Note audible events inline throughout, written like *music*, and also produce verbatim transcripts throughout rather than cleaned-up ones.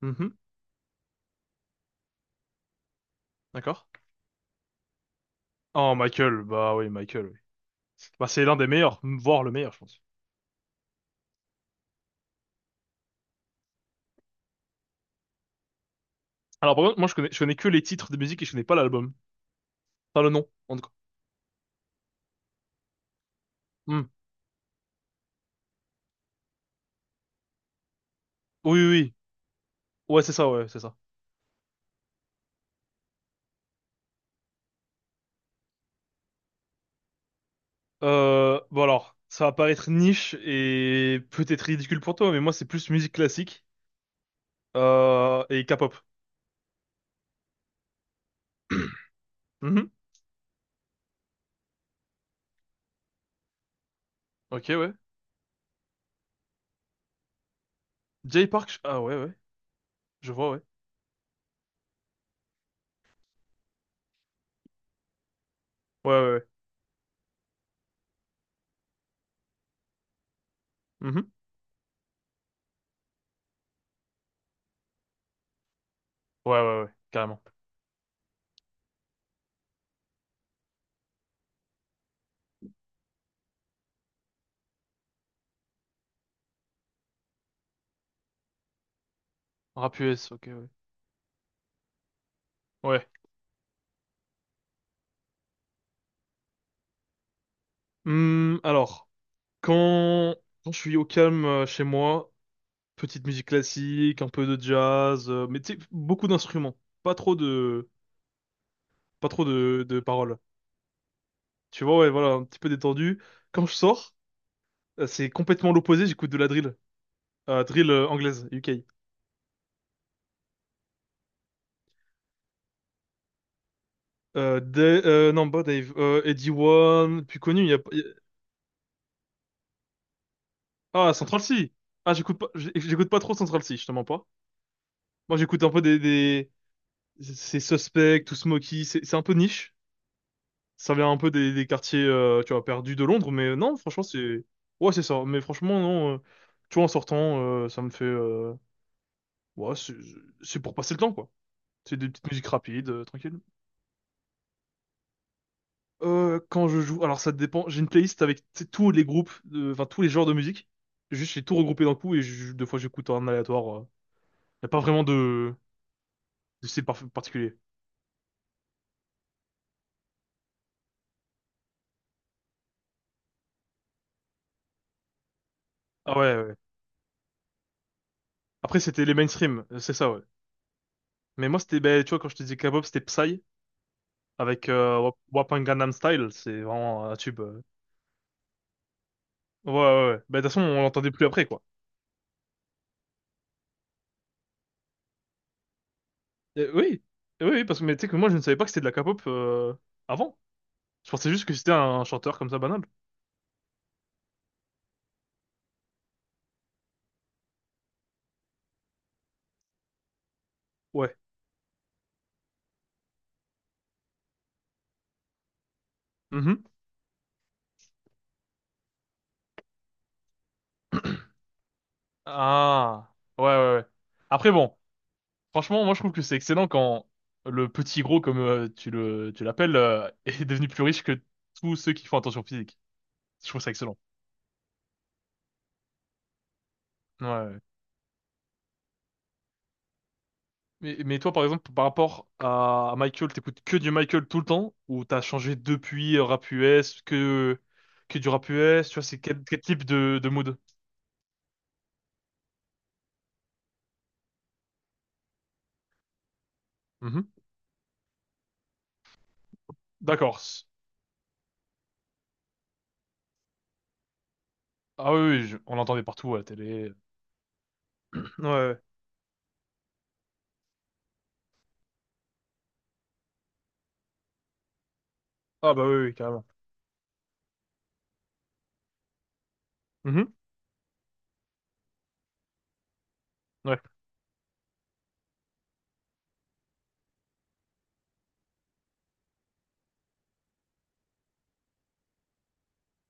Mhm, d'accord. Oh, Michael, bah oui, Michael, oui. Bah, c'est l'un des meilleurs, m- voire le meilleur, je pense. Alors, par contre, moi, je connais, je connais que les titres de musique et je connais pas l'album. Pas le nom, en tout cas. Hmm. Oui, oui, oui. Ouais, c'est ça, ouais, c'est ça. Euh, bon, alors, ça va paraître niche et peut-être ridicule pour toi, mais moi, c'est plus musique classique euh, et K-pop. *coughs* Mhm. Ok, ouais. Jay Park, je- ah ouais, ouais. Je vois, ouais. Ouais, ouais, ouais. Mhm. Ouais, ouais, ouais, carrément. Rap U S, ok, ouais. Ouais. Hmm, alors. Quand, Quand je suis au calme euh, chez moi, petite musique classique, un peu de jazz, euh, mais tu sais, beaucoup d'instruments, pas trop de, pas trop de, de paroles. Tu vois, ouais, voilà, un petit peu détendu. Quand je sors, euh, c'est complètement l'opposé, j'écoute de la drill. Euh, drill euh, anglaise, U K. Euh, Da- euh, non, pas Dave, euh, Eddie One, plus connu, il y a, il y a- ah, Central C. Ah, j'écoute pas, j'ai- j'écoute pas trop Central C, je te mens pas. Moi, j'écoute un peu des, des, c'est Suspect, Too Smoky, c'est c'est un peu niche. Ça vient un peu des, des quartiers, euh, tu vois, perdus de Londres, mais non, franchement, c'est... Ouais, c'est ça. Mais franchement, non, euh, tu vois, en sortant, euh, ça me fait... euh, Ouais, c'est c'est pour passer le temps, quoi. C'est des petites musiques rapides, euh, tranquilles. Euh, quand je joue... Alors, ça dépend. J'ai une playlist avec tu sais, tous les groupes, de- enfin, tous les genres de musique. Juste, j'ai tout regroupé d'un coup et je- deux fois, j'écoute en aléatoire. euh. Y a pas vraiment de... de style par- particulier. Ah ouais, ouais. Après, c'était les mainstream, euh, c'est ça, ouais. Mais moi, c'était... ben, tu vois, quand je te disais K-pop, c'était Psy, avec euh, Wap- Wapan Gangnam Style, c'est vraiment un tube. euh. Ouais, ouais, ouais. Bah, de toute façon, on l'entendait plus après, quoi. Et oui, oui, oui, parce que mais tu sais que moi, je ne savais pas que c'était de la K-pop euh, avant. Je pensais juste que c'était un chanteur comme ça banal. Ouais. Mhm. Ah, ouais, ouais, ouais. Après, bon, franchement, moi, je trouve que c'est excellent quand le petit gros, comme euh, tu le, tu l'appelles, euh, *laughs* est devenu plus riche que tous ceux qui font attention physique. Je trouve ça excellent. Ouais. Mais, mais toi, par exemple, par rapport à Michael, t'écoutes que du Michael tout le temps, ou t'as changé depuis euh, rap U S, que, que du rap U S, tu vois, c'est quel, quel type de, de mood? Mhm. D'accord. Ah oui, oui, je- on l'entendait partout à la télé. Ouais, ouais. Ah bah oui, oui, carrément. Mhm. Ouais.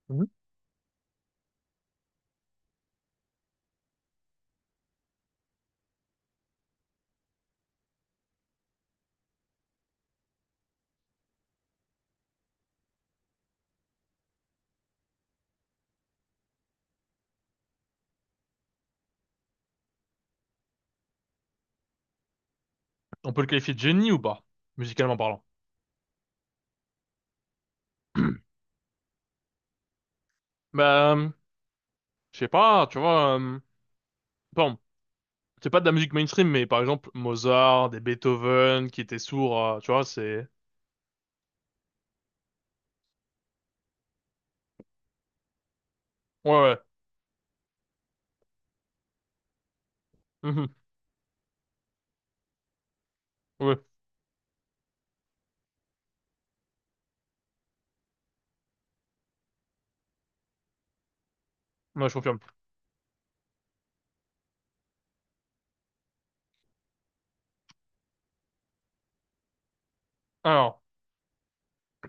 Mhm. On peut le qualifier de génie ou pas, musicalement parlant? *clears throat* Bah, euh, je sais pas, tu vois, euh, bon, c'est pas de la musique mainstream, mais par exemple, Mozart, des Beethoven qui étaient sourds, euh, tu vois, c'est... Ouais, ouais. Mhm. Ouais, ouais, je confirme. Alors,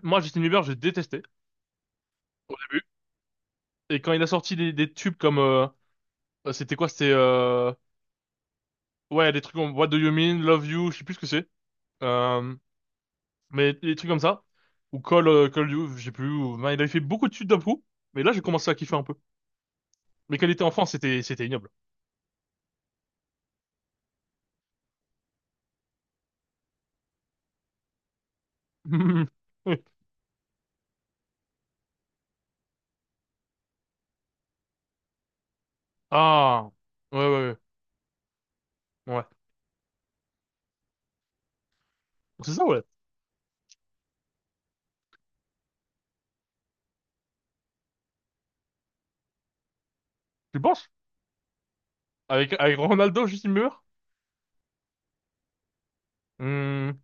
moi, Justin Bieber, j'ai détesté au début. Et quand il a sorti des, des tubes comme... euh, euh, c'était quoi? C'était... euh, ouais, des trucs comme What Do You Mean, Love You, je sais plus ce que c'est. Euh, mais des trucs comme ça. Ou Call, euh, Call You, je sais plus. ou- ben, il avait fait beaucoup de tubes d'un coup. Mais là, j'ai commencé à kiffer un peu. Mais quand il était enfant, c'était c'était ignoble. *laughs* Ah! Ouais, ouais, ouais. Ouais. C'est ça, ouais. Tu penses? Avec, avec Ronaldo, Justin Bieber? Hmm.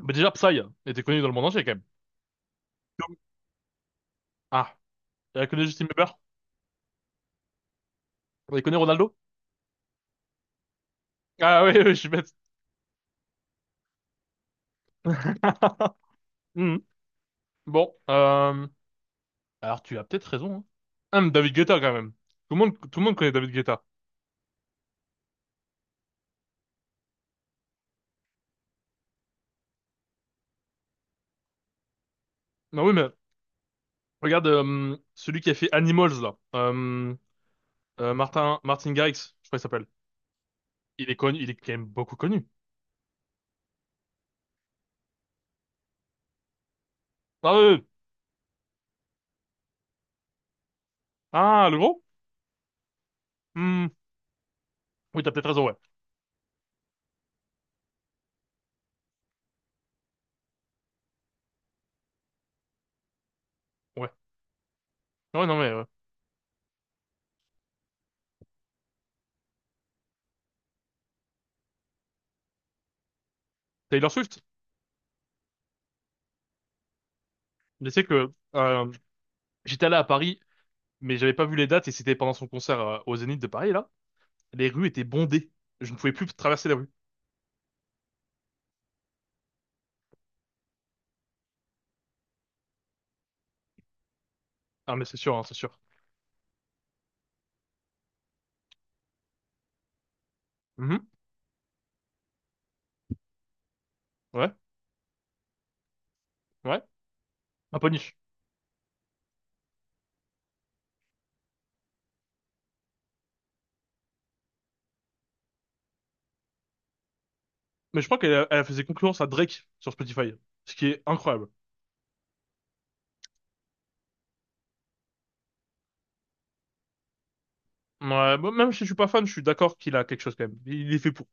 Mais déjà, Psy était connu dans le monde entier, quand même. Ah, elle connaît Justin Bieber? Elle connaît Ronaldo? Ah oui, oui, je suis bête. *laughs* Hmm. Bon, euh, alors tu as peut-être raison. Hein. Hum, David Guetta quand même. Tout le monde, tout le monde connaît David Guetta. Non oui, mais regarde euh, celui qui a fait Animals là. Euh, euh, Martin Martin Garrix, je crois qu'il s'appelle. Il est connu, il est quand même beaucoup connu. Ah oui, oui. Ah le gros? Hmm. Oui, t'as peut-être raison, ouais. Ouais. Ah Ouais, non mais euh, Taylor Swift. Mais c'est que euh, j'étais allé à Paris, mais j'avais pas vu les dates et c'était pendant son concert euh, au Zénith de Paris là. Les rues étaient bondées. Je ne pouvais plus traverser les rues. Ah, mais c'est sûr, hein, c'est sûr. Mhm. Ouais, ouais. Un peu niche. Mais je crois qu'elle a- elle faisait concurrence à Drake sur Spotify, ce qui est incroyable. Ouais, bon, même si je suis pas fan, je suis d'accord qu'il a quelque chose quand même. Il est fait pour.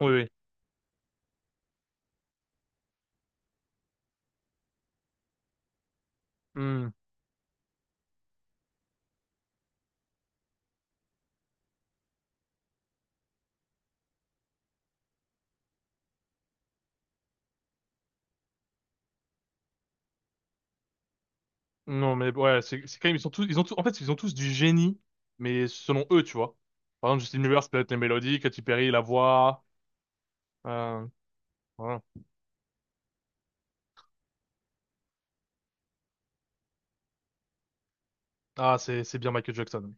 Oui, oui. Hmm. Non, mais ouais, c'est c'est quand même ils sont tous ils ont tous en fait ils ont tous du génie, mais selon eux, tu vois. Par exemple, Justin Bieber, c'est peut-être les mélodies, Katy Perry, la voix. Euh, voilà. Ah, c'est c'est bien Michael Jackson.